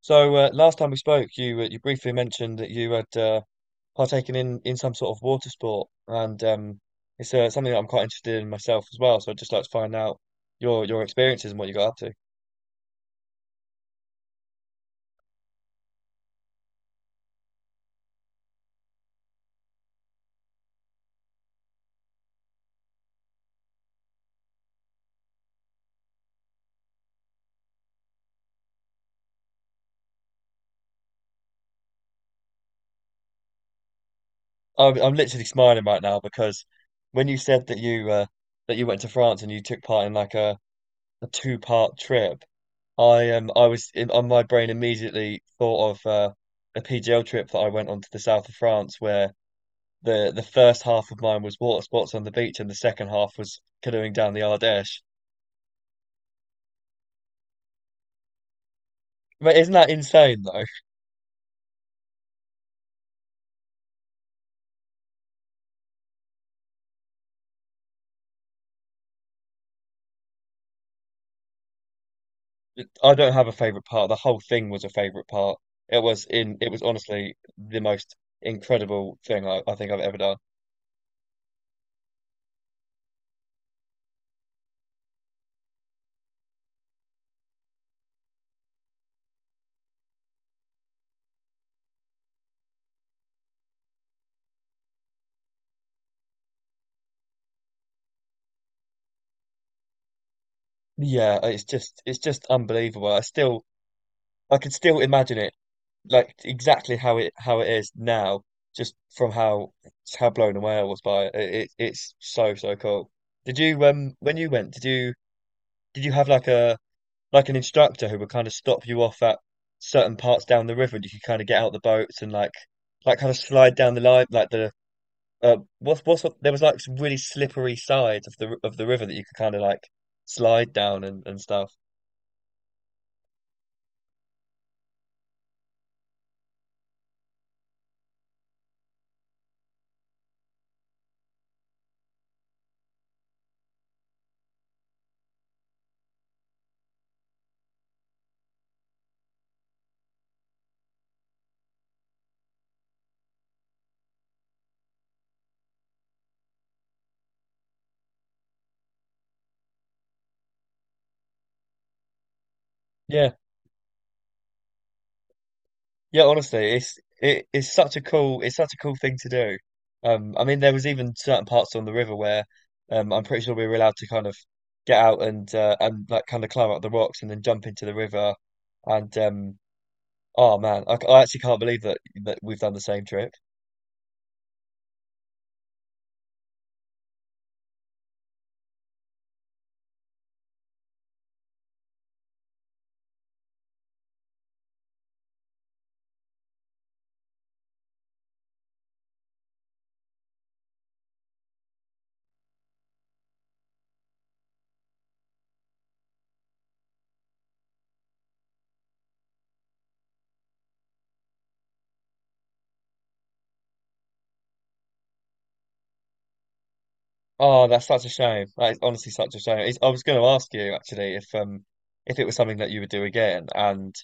Last time we spoke, you you briefly mentioned that you had partaken in some sort of water sport, and it's something that I'm quite interested in myself as well. So I'd just like to find out your experiences and what you got up to. I'm literally smiling right now because when you said that you went to France and you took part in like a two-part trip, on my brain immediately thought of a PGL trip that I went on to the south of France where the first half of mine was water sports on the beach, and the second half was canoeing down the Ardèche. But isn't that insane though? I don't have a favorite part. The whole thing was a favorite part. It was in. It was honestly the most incredible thing I think I've ever done. Yeah, it's just unbelievable. I still I can still imagine it like exactly how it is now, just from how just how blown away I was by it. It, it's so cool. Did you when you went, did you have like a like an instructor who would kind of stop you off at certain parts down the river and you could kind of get out the boats and like kind of slide down the line like the what's there was like some really slippery sides of the river that you could kind of like slide down and stuff. Yeah, yeah, honestly it's such a cool, it's such a cool thing to do. I mean there was even certain parts on the river where I'm pretty sure we were allowed to kind of get out and and like kind of climb up the rocks and then jump into the river. And um Oh man, I actually can't believe that we've done the same trip. Oh, that's such a shame. That is honestly such a shame. It's, I was going to ask you actually if it was something that you would do again, and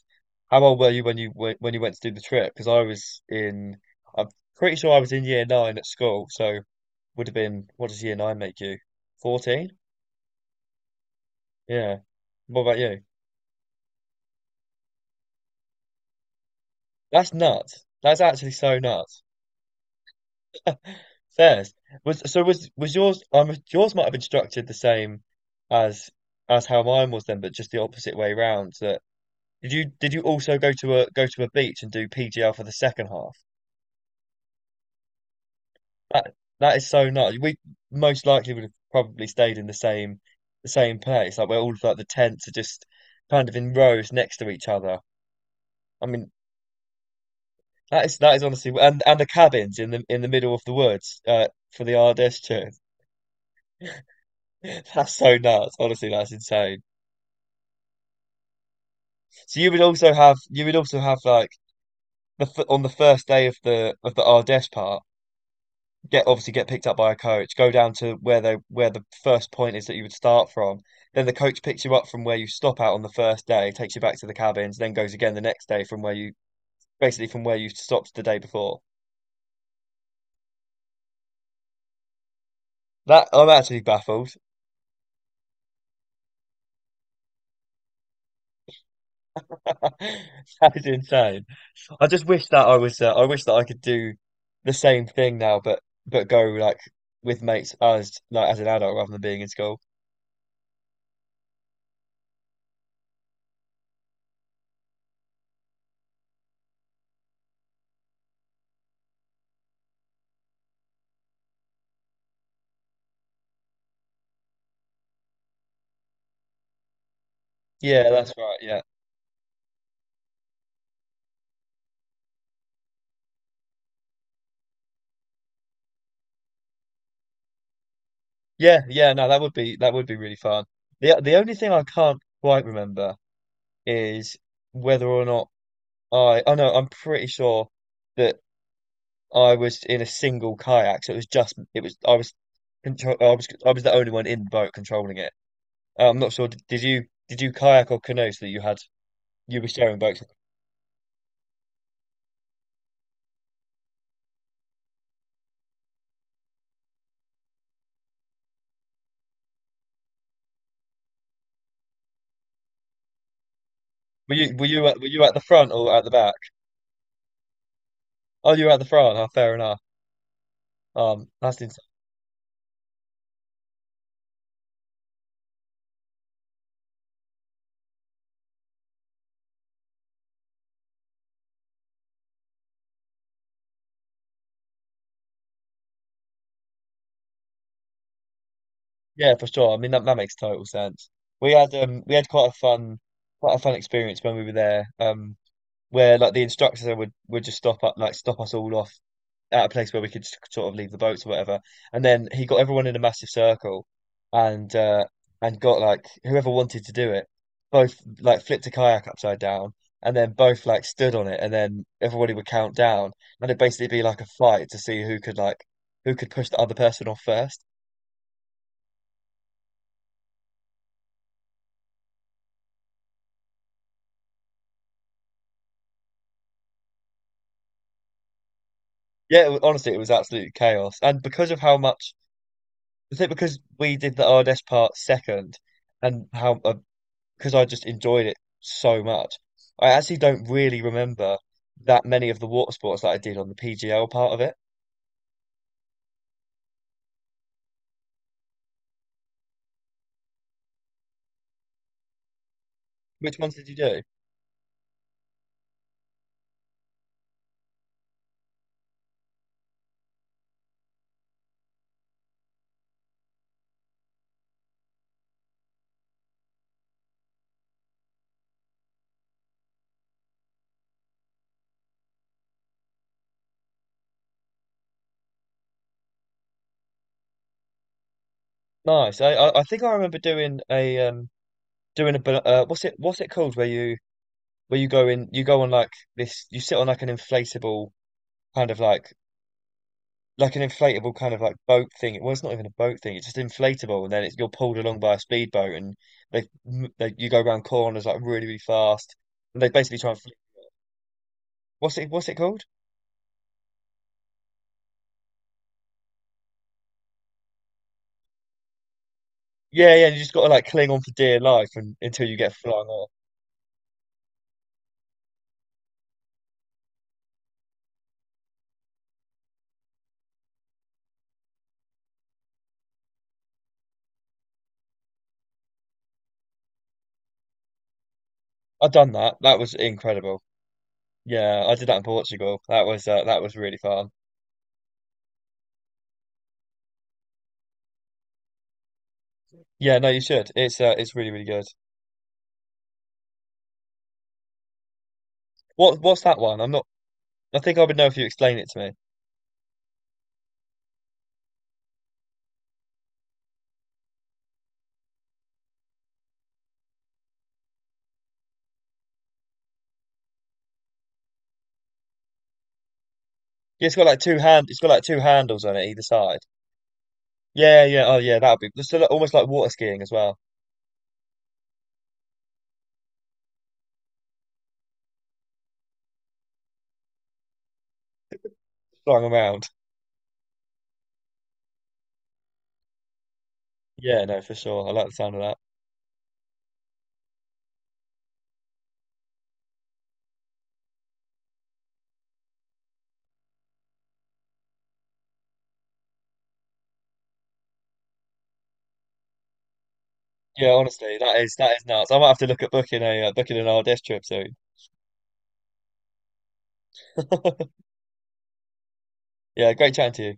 how old were you when you w when you went to do the trip? Because I'm pretty sure I was in year nine at school, so would have been, what does year nine make you? 14? Yeah. What about you? That's nuts. That's actually so nuts. Says was so was yours? I'm, yours might have been structured the same as as how mine was then, but just the opposite way round. That Did you, did you also go to a beach and do PGL for the second half? That, that is so nuts. We most likely would have probably stayed in the same, the same place. Like where all of like the tents are just kind of in rows next to each other. I mean that is, that is honestly, and the cabins in the middle of the woods, for the RDS too. That's so nuts. Honestly, that's insane. So you would also have, you would also have like the f on the first day of the Ardèche part, get, obviously get picked up by a coach, go down to where they, where the first point is that you would start from. Then the coach picks you up from where you stop out on the first day, takes you back to the cabins, then goes again the next day from where you, basically from where you stopped the day before. That, I'm actually baffled. That is insane. I just wish that I was I wish that I could do the same thing now, but go like with mates as like as an adult rather than being in school. Yeah, that's right. Yeah. Yeah, yeah, no, that would be, that would be really fun. The only thing I can't quite remember is whether or not I oh no, I'm pretty sure that I was in a single kayak, so it was just, it was I was control I was, I was the only one in the boat controlling it. I'm not sure, did you, did you kayak or canoe so that you had, you were sharing boats? Were you, were you at the front or at the back? Oh, you were at the front. Oh, fair enough. That's Yeah, for sure. I mean that, that makes total sense. We had quite a fun, quite a fun experience when we were there. Um, where like the instructors would just stop up like stop us all off at a place where we could just sort of leave the boats or whatever. And then he got everyone in a massive circle and got, like, whoever wanted to do it, both like flipped a kayak upside down and then both like stood on it, and then everybody would count down, and it'd basically be like a fight to see who could like who could push the other person off first. Yeah, honestly, it was absolute chaos. And because of how much, I think because we did the RDS part second, and how because I just enjoyed it so much, I actually don't really remember that many of the water sports that I did on the PGL part of it. Which ones did you do? Nice. I think I remember doing a doing a what's it, what's it called, where you go in, you go on like this, you sit on like an inflatable kind of like an inflatable kind of like boat thing. Well, it's not even a boat thing. It's just inflatable, and then it's, you're pulled along by a speedboat, and they, they, you go around corners like really really fast, and they basically try and what's it, what's it called? Yeah, yeah. And you just got to like cling on for dear life and, until you get flung off. I've done that. That was incredible. Yeah, I did that in Portugal. That was really fun. Yeah, no, you should. It's really really good. What, what's that one? I'm not. I think I would know if you explain it to me. Yeah, it's got like two hand, it's got like two handles on it either side. Yeah, yeah, oh yeah, that'd be just a almost like water skiing as well, flying around. Yeah, no, for sure. I like the sound of that. Yeah, honestly, that is, that is nuts. I might have to look at booking a booking an RDS trip soon. Yeah, great chatting to you.